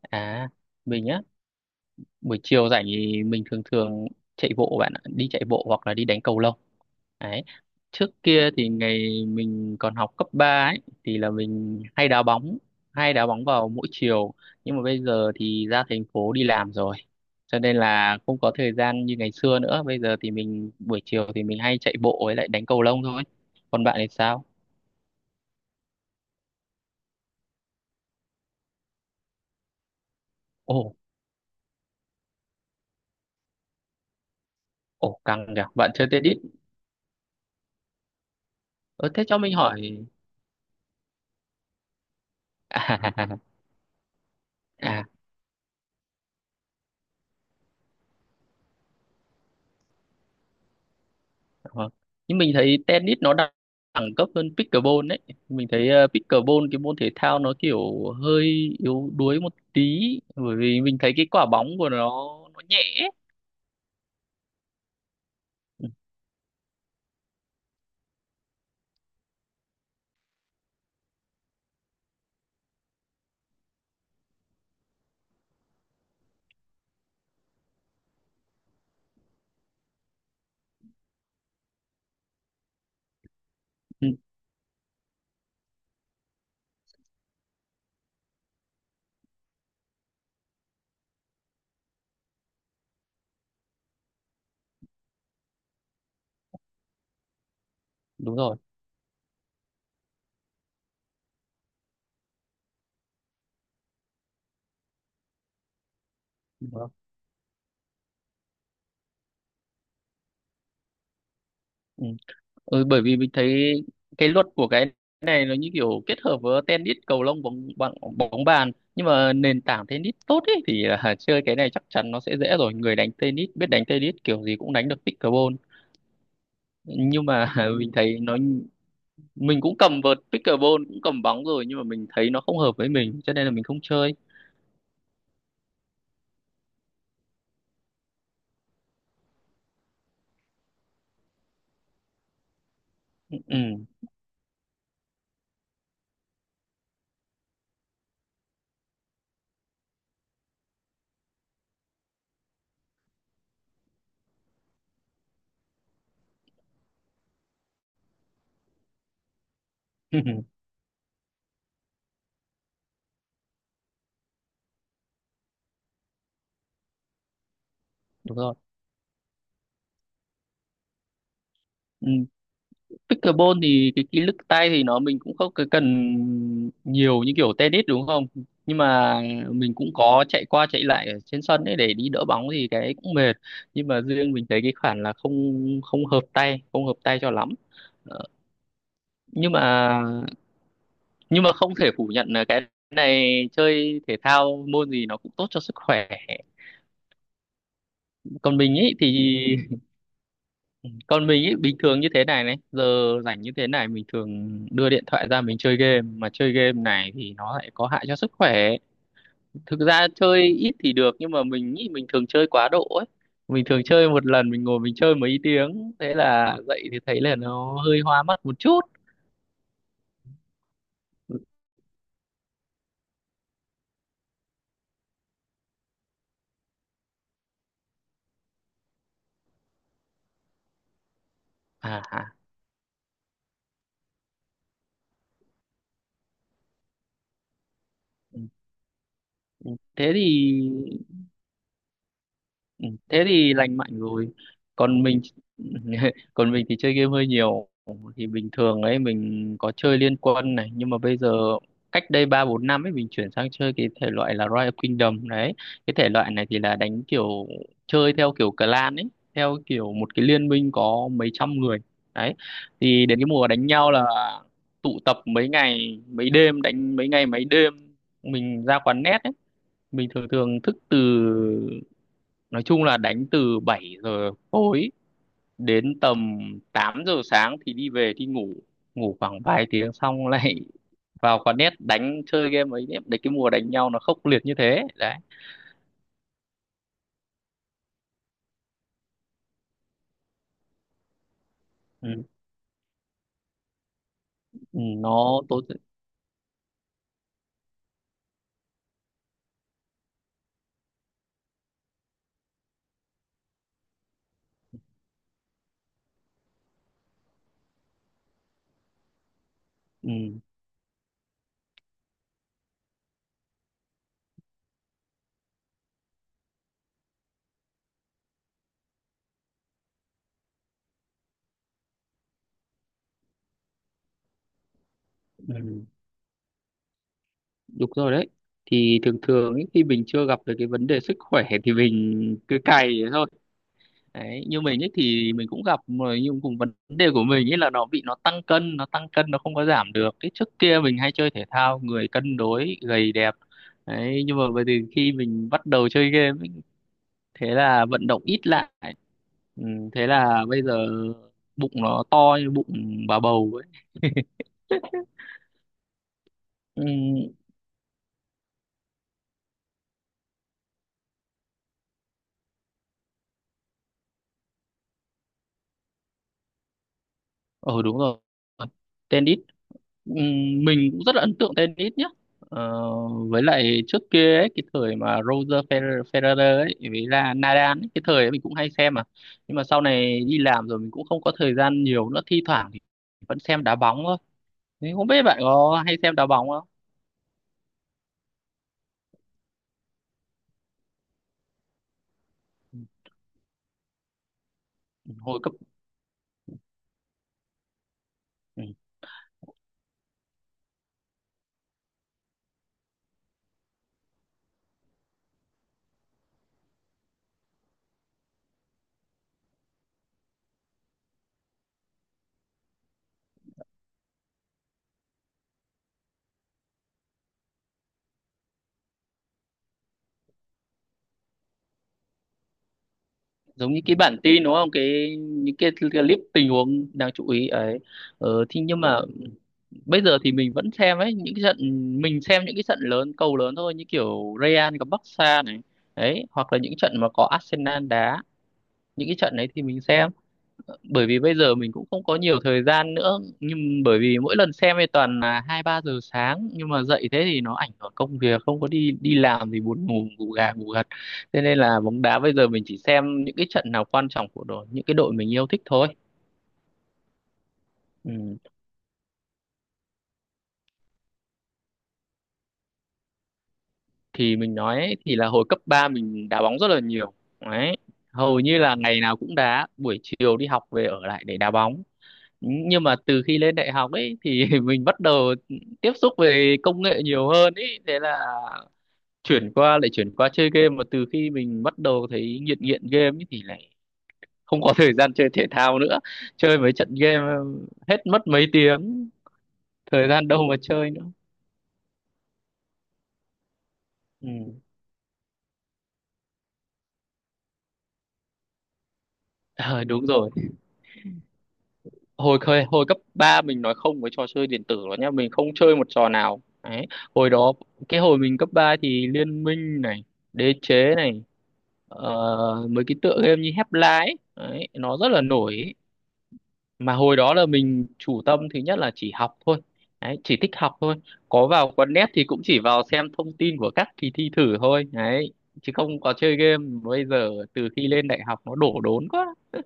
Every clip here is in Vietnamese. À, mình á, buổi chiều rảnh thì mình thường thường chạy bộ bạn ạ, đi chạy bộ hoặc là đi đánh cầu lông. Đấy. Trước kia thì ngày mình còn học cấp 3 ấy thì là mình hay đá bóng vào mỗi chiều, nhưng mà bây giờ thì ra thành phố đi làm rồi. Cho nên là không có thời gian như ngày xưa nữa, bây giờ thì mình buổi chiều thì mình hay chạy bộ với lại đánh cầu lông thôi. Còn bạn thì sao? Ồ, ồ căng kìa, bạn chơi tennis. Ờ thế cho mình hỏi à, vâng. Nhưng mình thấy tennis nó đẳng đẳng cấp hơn pickleball đấy. Mình thấy pickleball cái môn thể thao nó kiểu hơi yếu đuối một tí, bởi vì mình thấy cái quả bóng của nó nhẹ, ấy. Ừ, ừ, đúng rồi. Đúng rồi. Ừ. Ừ, bởi vì mình thấy cái luật của cái này nó như kiểu kết hợp với tennis, cầu lông, bóng bóng, bóng bàn, nhưng mà nền tảng tennis tốt ấy thì là chơi cái này chắc chắn nó sẽ dễ rồi. Người đánh tennis biết đánh tennis kiểu gì cũng đánh được pickleball, nhưng mà mình thấy nó, mình cũng cầm vợt pickleball cũng cầm bóng rồi nhưng mà mình thấy nó không hợp với mình cho nên là mình không chơi. Ừ. Đúng rồi. Ừ. Pickleball thì cái kỹ lực tay thì nó mình cũng không cái cần nhiều như kiểu tennis đúng không, nhưng mà mình cũng có chạy qua chạy lại ở trên sân ấy để đi đỡ bóng thì cái cũng mệt, nhưng mà riêng mình thấy cái khoản là không không hợp tay, không hợp tay cho lắm. Ờ, nhưng mà nhưng mà không thể phủ nhận là cái này chơi thể thao môn gì nó cũng tốt cho sức khỏe. Còn mình ấy thì, còn mình ấy bình thường như thế này, giờ rảnh như thế này mình thường đưa điện thoại ra mình chơi game, mà chơi game này thì nó lại có hại cho sức khỏe. Thực ra chơi ít thì được nhưng mà mình nghĩ mình thường chơi quá độ ấy, mình thường chơi một lần mình ngồi mình chơi mấy tiếng, thế là dậy thì thấy là nó hơi hoa mắt một chút. À à. Ừ. Thế thì. Ừ, thế thì lành mạnh rồi. Còn mình còn mình thì chơi game hơi nhiều, thì bình thường ấy mình có chơi Liên Quân này, nhưng mà bây giờ, cách đây 3 4 năm ấy mình chuyển sang chơi cái thể loại là Royal Kingdom đấy. Cái thể loại này thì là đánh kiểu chơi theo kiểu clan ấy, theo kiểu một cái liên minh có mấy trăm người. Đấy, thì đến cái mùa đánh nhau là tụ tập mấy ngày mấy đêm, đánh mấy ngày mấy đêm, mình ra quán net ấy, mình thường thường thức từ, nói chung là đánh từ 7 giờ tối đến tầm 8 giờ sáng thì đi về thì ngủ, ngủ khoảng vài tiếng xong lại vào quán net đánh chơi game ấy. Đấy, cái mùa đánh nhau nó khốc liệt như thế đấy. Ừ. Ừ, nó tốn. Ừ. Ừ. Đúng rồi đấy, thì thường thường ấy, khi mình chưa gặp được cái vấn đề sức khỏe thì mình cứ cày thế thôi. Đấy, như mình ấy thì mình cũng gặp rồi, nhưng cùng vấn đề của mình ấy là nó bị nó tăng cân, nó tăng cân nó không có giảm được. Cái trước kia mình hay chơi thể thao người cân đối gầy đẹp, đấy, nhưng mà bây giờ khi mình bắt đầu chơi game ấy, thế là vận động ít lại. Ừ, thế là bây giờ bụng nó to như bụng bà bầu ấy. Ừ, ờ đúng rồi. Tennis. Ừm, mình cũng rất là ấn tượng tennis nhé. ờ, với lại trước kia ấy, cái thời mà Roger Federer ấy với là Nadal ấy, cái thời ấy mình cũng hay xem mà, nhưng mà sau này đi làm rồi mình cũng không có thời gian nhiều nữa, thi thoảng thì vẫn xem đá bóng thôi. Thế không biết bạn có hay xem đá bóng không. Hồi cấp. Ừ. Giống như cái bản tin đúng không, cái những cái clip tình huống đáng chú ý ấy. Thì nhưng mà bây giờ thì mình vẫn xem ấy những cái trận, mình xem những cái trận lớn cầu lớn thôi, như kiểu Real gặp Barca này. Đấy, hoặc là những trận mà có Arsenal đá, những cái trận đấy thì mình xem, bởi vì bây giờ mình cũng không có nhiều thời gian nữa, nhưng bởi vì mỗi lần xem thì toàn là 2 3 giờ sáng, nhưng mà dậy thế thì nó ảnh hưởng công việc, không có đi đi làm thì buồn ngủ, ngủ gà ngủ gật. Thế nên là bóng đá bây giờ mình chỉ xem những cái trận nào quan trọng của đội, những cái đội mình yêu thích thôi. Ừ. Thì mình nói ấy, thì là hồi cấp 3 mình đá bóng rất là nhiều. Đấy, hầu như là ngày nào cũng đá, buổi chiều đi học về ở lại để đá bóng, nhưng mà từ khi lên đại học ấy thì mình bắt đầu tiếp xúc về công nghệ nhiều hơn ấy, thế là chuyển qua, lại chuyển qua chơi game, mà từ khi mình bắt đầu thấy nghiện nghiện game ấy thì lại không có thời gian chơi thể thao nữa. Chơi mấy trận game hết mất mấy tiếng, thời gian đâu mà chơi nữa. Ừ. Ờ, đúng rồi. Hồi cấp 3 mình nói không với trò chơi điện tử rồi nhá, mình không chơi một trò nào. Đấy, hồi đó, cái hồi mình cấp 3 thì Liên Minh này, Đế Chế này. Ờ, mấy cái tựa game như Hepla ấy đấy, nó rất là nổi ấy. Mà hồi đó là mình chủ tâm thứ nhất là chỉ học thôi, đấy, chỉ thích học thôi, có vào quán net thì cũng chỉ vào xem thông tin của các kỳ thi thử thôi. Đấy, chứ không có chơi game. Bây giờ từ khi lên đại học nó đổ đốn quá.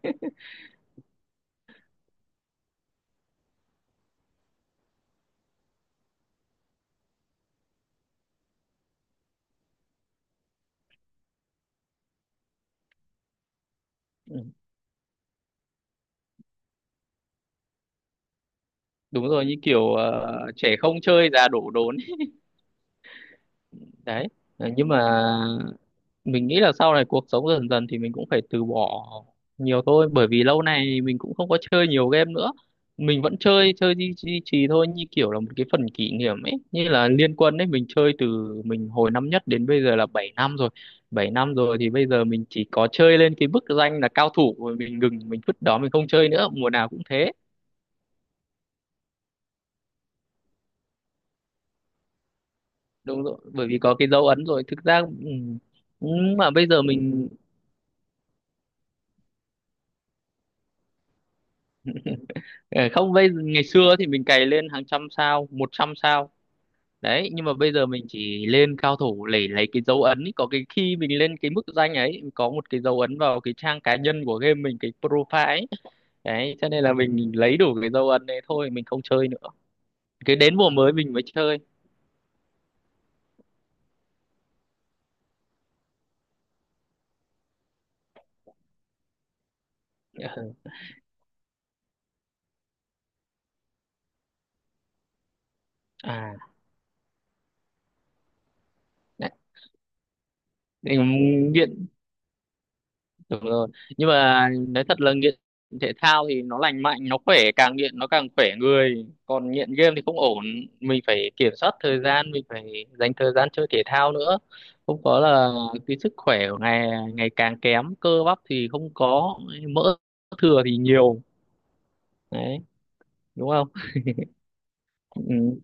Ừ, đúng rồi, như kiểu trẻ không chơi già đổ đốn. Đấy. Ờ, nhưng mà mình nghĩ là sau này cuộc sống dần dần thì mình cũng phải từ bỏ nhiều thôi, bởi vì lâu nay mình cũng không có chơi nhiều game nữa, mình vẫn chơi chơi duy duy trì thôi, như kiểu là một cái phần kỷ niệm ấy, như là Liên Quân ấy mình chơi từ, mình hồi năm nhất đến bây giờ là 7 năm rồi. 7 năm rồi thì bây giờ mình chỉ có chơi lên cái bức danh là cao thủ rồi mình ngừng, mình vứt đó mình không chơi nữa, mùa nào cũng thế. Đúng rồi, bởi vì có cái dấu ấn rồi thực ra. Ừ, nhưng mà bây giờ mình. Ờ, không, bây ngày xưa thì mình cày lên hàng trăm sao, 100 sao. Đấy, nhưng mà bây giờ mình chỉ lên cao thủ để lấy cái dấu ấn ý. Có cái khi mình lên cái mức danh ấy có một cái dấu ấn vào cái trang cá nhân của game mình, cái profile ấy. Đấy, cho nên là mình lấy đủ cái dấu ấn đấy thôi, mình không chơi nữa, cứ đến mùa mới mình mới chơi. Ờ, à. Đấy. Ừ, nghiện. Đúng rồi. Nhưng mà nói thật là nghiện thể thao thì nó lành mạnh, nó khỏe, càng nghiện nó càng khỏe người. Còn nghiện game thì không ổn, mình phải kiểm soát thời gian, mình phải dành thời gian chơi thể thao nữa. Không có là cái sức khỏe của ngày ngày càng kém, cơ bắp thì không có, mỡ thừa thì nhiều. Đấy, đúng không? Ừ,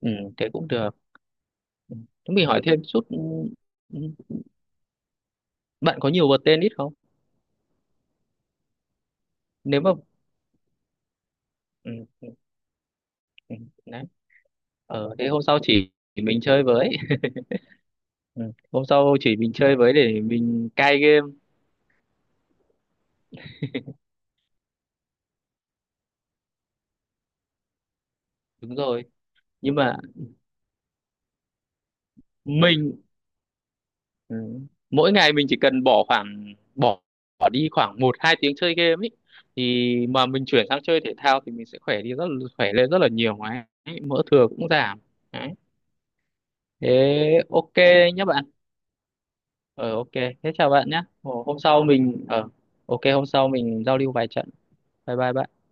ừ, thế cũng được. Ừ. Thế mình hỏi thêm chút. Ừ, ừ, bạn có nhiều vợt tennis không? Nếu mà. Ừ, ừ, ừ, đấy. Ờ, thế hôm sau chỉ mình chơi với. Ừ. Hôm sau chỉ mình chơi với để mình cai game. Đúng rồi, nhưng mà mình, ừ, mỗi ngày mình chỉ cần bỏ khoảng bỏ, bỏ đi khoảng 1 2 tiếng chơi game ấy, thì mà mình chuyển sang chơi thể thao thì mình sẽ khỏe đi khỏe lên rất là nhiều mà ấy. Mỡ thừa cũng giảm. Đấy. Thế ok nhé bạn. Ờ ok thế chào bạn nhé, hôm sau mình ờ, ok, hôm sau mình giao lưu vài trận. Bye bye bạn.